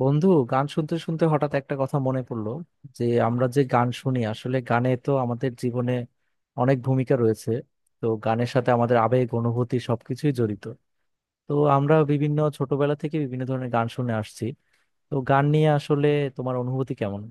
বন্ধু, গান শুনতে শুনতে হঠাৎ একটা কথা মনে পড়লো যে আমরা যে গান শুনি, আসলে গানে তো আমাদের জীবনে অনেক ভূমিকা রয়েছে। তো গানের সাথে আমাদের আবেগ, অনুভূতি সবকিছুই জড়িত। তো আমরা বিভিন্ন ছোটবেলা থেকে বিভিন্ন ধরনের গান শুনে আসছি। তো গান নিয়ে আসলে তোমার অনুভূতি কেমন?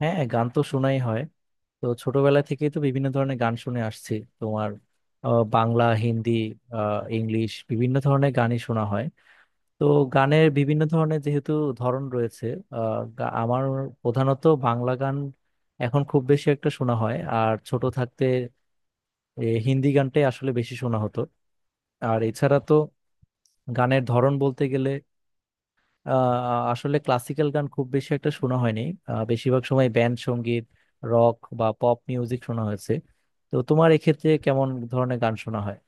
হ্যাঁ, গান তো শোনাই হয়। তো ছোটবেলা থেকেই তো বিভিন্ন ধরনের গান শুনে আসছি। তোমার বাংলা, হিন্দি, ইংলিশ, বিভিন্ন ধরনের গানই শোনা হয়। তো গানের বিভিন্ন ধরনের যেহেতু ধরন রয়েছে, আমার প্রধানত বাংলা গান এখন খুব বেশি একটা শোনা হয়। আর ছোট থাকতে হিন্দি গানটাই আসলে বেশি শোনা হতো। আর এছাড়া তো গানের ধরন বলতে গেলে আহ, আসলে ক্লাসিক্যাল গান খুব বেশি একটা শোনা হয়নি। বেশিরভাগ সময় ব্যান্ড সঙ্গীত, রক বা পপ মিউজিক শোনা হয়েছে। তো তোমার এক্ষেত্রে কেমন ধরনের গান শোনা হয়?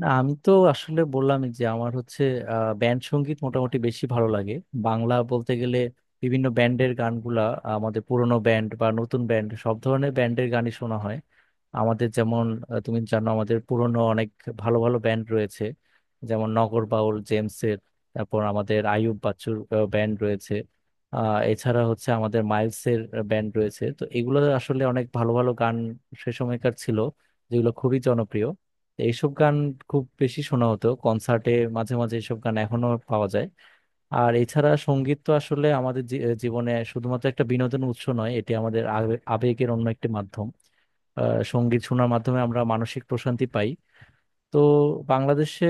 না, আমি তো আসলে বললামই যে আমার হচ্ছে ব্যান্ড সঙ্গীত মোটামুটি বেশি ভালো লাগে। বাংলা বলতে গেলে বিভিন্ন ব্যান্ডের গানগুলা, আমাদের পুরনো ব্যান্ড বা নতুন ব্যান্ড, সব ধরনের ব্যান্ডের গানই শোনা হয়। আমাদের যেমন তুমি জানো, আমাদের পুরনো অনেক ভালো ভালো ব্যান্ড রয়েছে। যেমন নগর বাউল জেমসের, তারপর আমাদের আইয়ুব বাচ্চুর ব্যান্ড রয়েছে। এছাড়া হচ্ছে আমাদের মাইলসের ব্যান্ড রয়েছে। তো এগুলো আসলে অনেক ভালো ভালো গান সে সময়কার ছিল, যেগুলো খুবই জনপ্রিয়। এইসব গান খুব বেশি শোনা হতো কনসার্টে। মাঝে মাঝে এইসব গান এখনো পাওয়া যায়। আর এছাড়া সঙ্গীত তো আসলে আমাদের জীবনে শুধুমাত্র একটা বিনোদন উৎস নয়, এটি আমাদের আবেগের অন্য একটি মাধ্যম। সঙ্গীত শোনার মাধ্যমে আমরা মানসিক প্রশান্তি পাই। তো বাংলাদেশে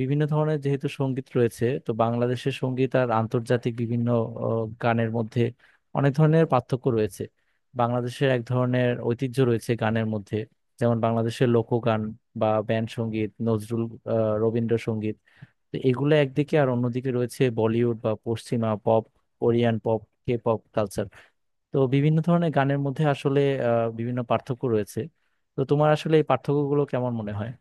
বিভিন্ন ধরনের যেহেতু সঙ্গীত রয়েছে, তো বাংলাদেশের সঙ্গীত আর আন্তর্জাতিক বিভিন্ন গানের মধ্যে অনেক ধরনের পার্থক্য রয়েছে। বাংলাদেশের এক ধরনের ঐতিহ্য রয়েছে গানের মধ্যে, যেমন বাংলাদেশের লোকগান বা ব্যান্ড সঙ্গীত, নজরুল, রবীন্দ্রসঙ্গীত। তো এগুলো একদিকে, আর অন্যদিকে রয়েছে বলিউড বা পশ্চিমা pop, Korean pop, K pop culture. তো বিভিন্ন ধরনের গানের মধ্যে আসলে বিভিন্ন পার্থক্য রয়েছে। তো তোমার আসলে এই পার্থক্যগুলো কেমন মনে হয়?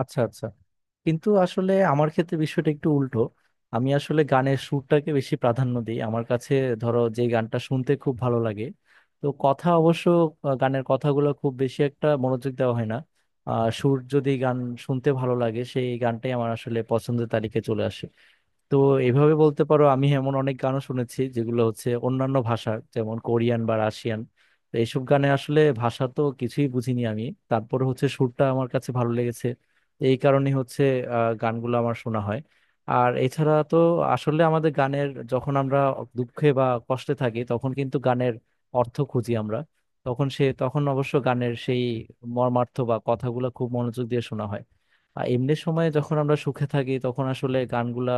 আচ্ছা, আচ্ছা। কিন্তু আসলে আমার ক্ষেত্রে বিষয়টা একটু উল্টো। আমি আসলে গানের সুরটাকে বেশি প্রাধান্য দিই। আমার কাছে ধরো যে গানটা শুনতে খুব ভালো লাগে, তো কথা অবশ্য, গানের কথাগুলো খুব বেশি একটা মনোযোগ দেওয়া হয় না। সুর যদি গান শুনতে ভালো লাগে, সেই গানটাই আমার আসলে পছন্দের তালিকায় চলে আসে। তো এভাবে বলতে পারো, আমি এমন অনেক গানও শুনেছি যেগুলো হচ্ছে অন্যান্য ভাষা, যেমন কোরিয়ান বা রাশিয়ান। তো এইসব গানে আসলে ভাষা তো কিছুই বুঝিনি আমি। তারপরে হচ্ছে সুরটা আমার কাছে ভালো লেগেছে, এই কারণে হচ্ছে গানগুলো আমার শোনা হয়। আর এছাড়া তো আসলে আমাদের গানের, যখন আমরা দুঃখে বা কষ্টে থাকি, তখন কিন্তু গানের অর্থ খুঁজি আমরা। তখন তখন অবশ্য গানের সেই মর্মার্থ বা কথাগুলো খুব মনোযোগ দিয়ে শোনা হয়। আর এমনি সময়ে যখন আমরা সুখে থাকি, তখন আসলে গানগুলা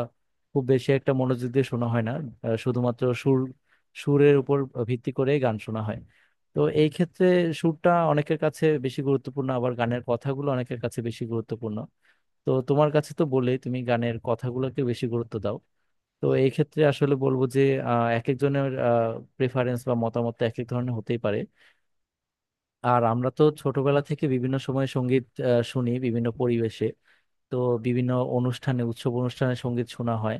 খুব বেশি একটা মনোযোগ দিয়ে শোনা হয় না। শুধুমাত্র সুর, সুরের উপর ভিত্তি করেই গান শোনা হয়। তো এই ক্ষেত্রে সুরটা অনেকের কাছে বেশি গুরুত্বপূর্ণ, আবার গানের কথাগুলো অনেকের কাছে বেশি গুরুত্বপূর্ণ। তো তোমার কাছে তো বলেই, তুমি গানের কথাগুলোকে বেশি গুরুত্ব দাও। তো এই ক্ষেত্রে আসলে বলবো যে এক একজনের প্রেফারেন্স বা মতামত এক এক ধরনের হতেই পারে। আর আমরা তো ছোটবেলা থেকে বিভিন্ন সময় সঙ্গীত শুনি বিভিন্ন পরিবেশে। তো বিভিন্ন অনুষ্ঠানে, উৎসব অনুষ্ঠানে সঙ্গীত শোনা হয়।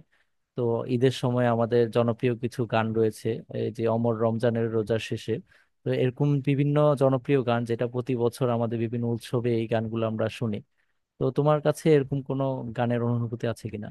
তো ঈদের সময় আমাদের জনপ্রিয় কিছু গান রয়েছে, এই যে অমর রমজানের রোজার শেষে। তো এরকম বিভিন্ন জনপ্রিয় গান যেটা প্রতি বছর আমাদের বিভিন্ন উৎসবে এই গানগুলো আমরা শুনি। তো তোমার কাছে এরকম কোনো গানের অনুভূতি আছে কিনা?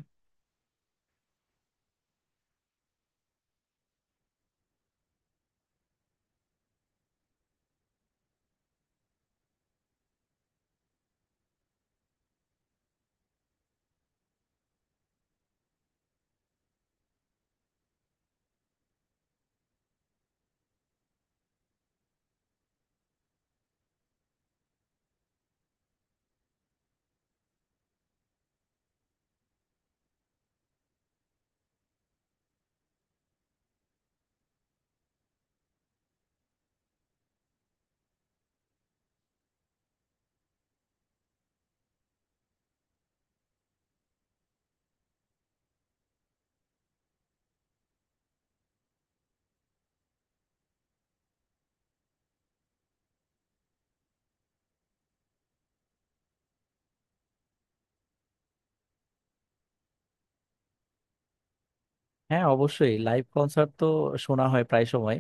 হ্যাঁ, অবশ্যই লাইভ কনসার্ট তো শোনা হয় প্রায় সময়।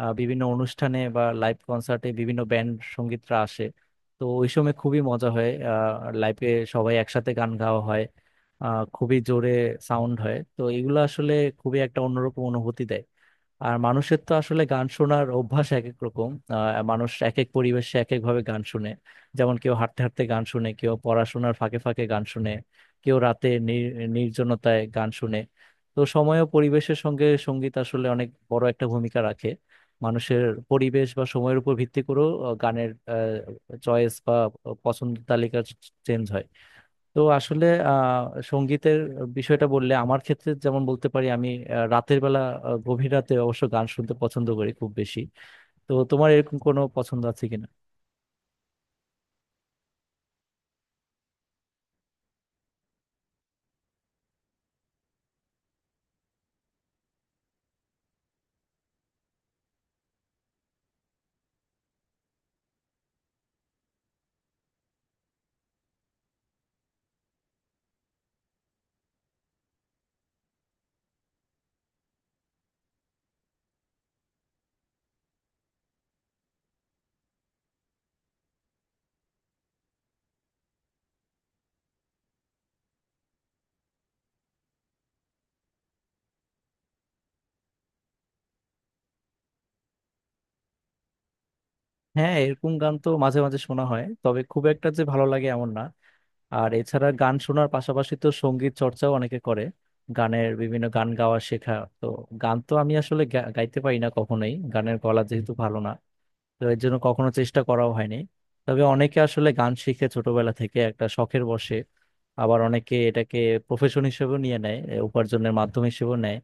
বিভিন্ন অনুষ্ঠানে বা লাইভ কনসার্টে বিভিন্ন ব্যান্ড সঙ্গীতরা আসে। তো ওই সময় খুবই মজা হয়। লাইভে সবাই একসাথে গান গাওয়া হয়। খুবই জোরে সাউন্ড হয়। তো এগুলো আসলে খুবই একটা অন্যরকম অনুভূতি দেয়। আর মানুষের তো আসলে গান শোনার অভ্যাস এক এক রকম। মানুষ এক এক পরিবেশে এক এক ভাবে গান শুনে। যেমন কেউ হাঁটতে হাঁটতে গান শুনে, কেউ পড়াশোনার ফাঁকে ফাঁকে গান শুনে, কেউ রাতে নির্জনতায় গান শুনে। তো সময় ও পরিবেশের সঙ্গে সঙ্গীত আসলে অনেক বড় একটা ভূমিকা রাখে। মানুষের পরিবেশ বা সময়ের উপর ভিত্তি করেও গানের চয়েস বা পছন্দ তালিকা চেঞ্জ হয়। তো আসলে সঙ্গীতের বিষয়টা বললে, আমার ক্ষেত্রে যেমন বলতে পারি, আমি রাতের বেলা, গভীর রাতে অবশ্য গান শুনতে পছন্দ করি খুব বেশি। তো তোমার এরকম কোনো পছন্দ আছে কিনা? হ্যাঁ, এরকম গান তো মাঝে মাঝে শোনা হয়, তবে খুব একটা যে ভালো লাগে এমন না। আর এছাড়া গান শোনার পাশাপাশি তো সঙ্গীত চর্চাও অনেকে করে, গানের বিভিন্ন গান গাওয়া শেখা। তো গান তো আমি আসলে গাইতে পারি না কখনোই, গানের গলা যেহেতু ভালো না। তো এর জন্য কখনো চেষ্টা করাও হয়নি। তবে অনেকে আসলে গান শিখে ছোটবেলা থেকে একটা শখের বশে। আবার অনেকে এটাকে প্রফেশন হিসেবেও নিয়ে নেয়, এ উপার্জনের মাধ্যম হিসেবেও নেয়।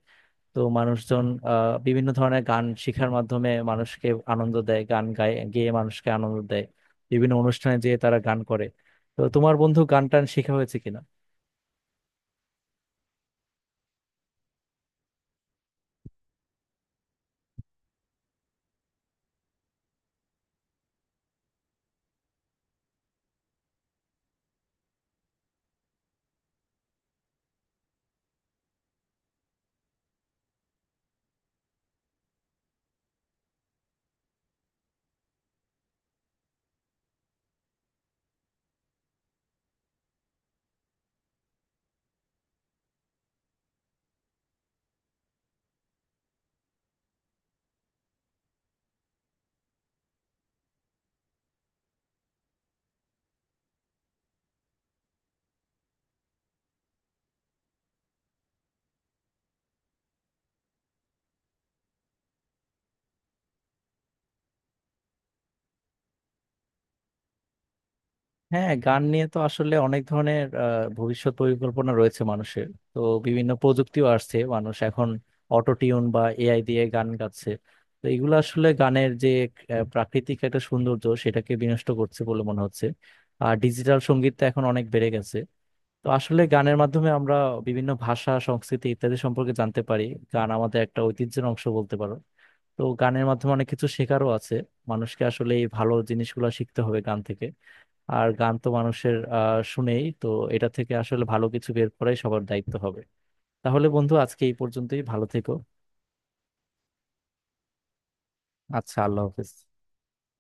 তো মানুষজন বিভিন্ন ধরনের গান শেখার মাধ্যমে মানুষকে আনন্দ দেয়, গান গায়, গেয়ে মানুষকে আনন্দ দেয়। বিভিন্ন অনুষ্ঠানে যেয়ে তারা গান করে। তো তোমার বন্ধু গান টান শেখা হয়েছে কিনা? হ্যাঁ, গান নিয়ে তো আসলে অনেক ধরনের ভবিষ্যৎ পরিকল্পনা রয়েছে মানুষের। তো বিভিন্ন প্রযুক্তিও আসছে, মানুষ এখন অটো টিউন বা এআই দিয়ে গান গাচ্ছে। তো এগুলো আসলে গানের যে প্রাকৃতিক একটা সৌন্দর্য, সেটাকে বিনষ্ট করছে বলে মনে হচ্ছে। আর ডিজিটাল সঙ্গীত তো এখন অনেক বেড়ে গেছে। তো আসলে গানের মাধ্যমে আমরা বিভিন্ন ভাষা, সংস্কৃতি ইত্যাদি সম্পর্কে জানতে পারি। গান আমাদের একটা ঐতিহ্যের অংশ বলতে পারো। তো গানের মাধ্যমে অনেক কিছু শেখারও আছে। মানুষকে আসলে এই ভালো জিনিসগুলো শিখতে হবে গান থেকে। আর গান তো মানুষের শুনেই তো, এটা থেকে আসলে ভালো কিছু বের করাই সবার দায়িত্ব হবে। তাহলে বন্ধু, আজকে এই পর্যন্তই, ভালো থেকো। আচ্ছা, আল্লাহ হাফেজ।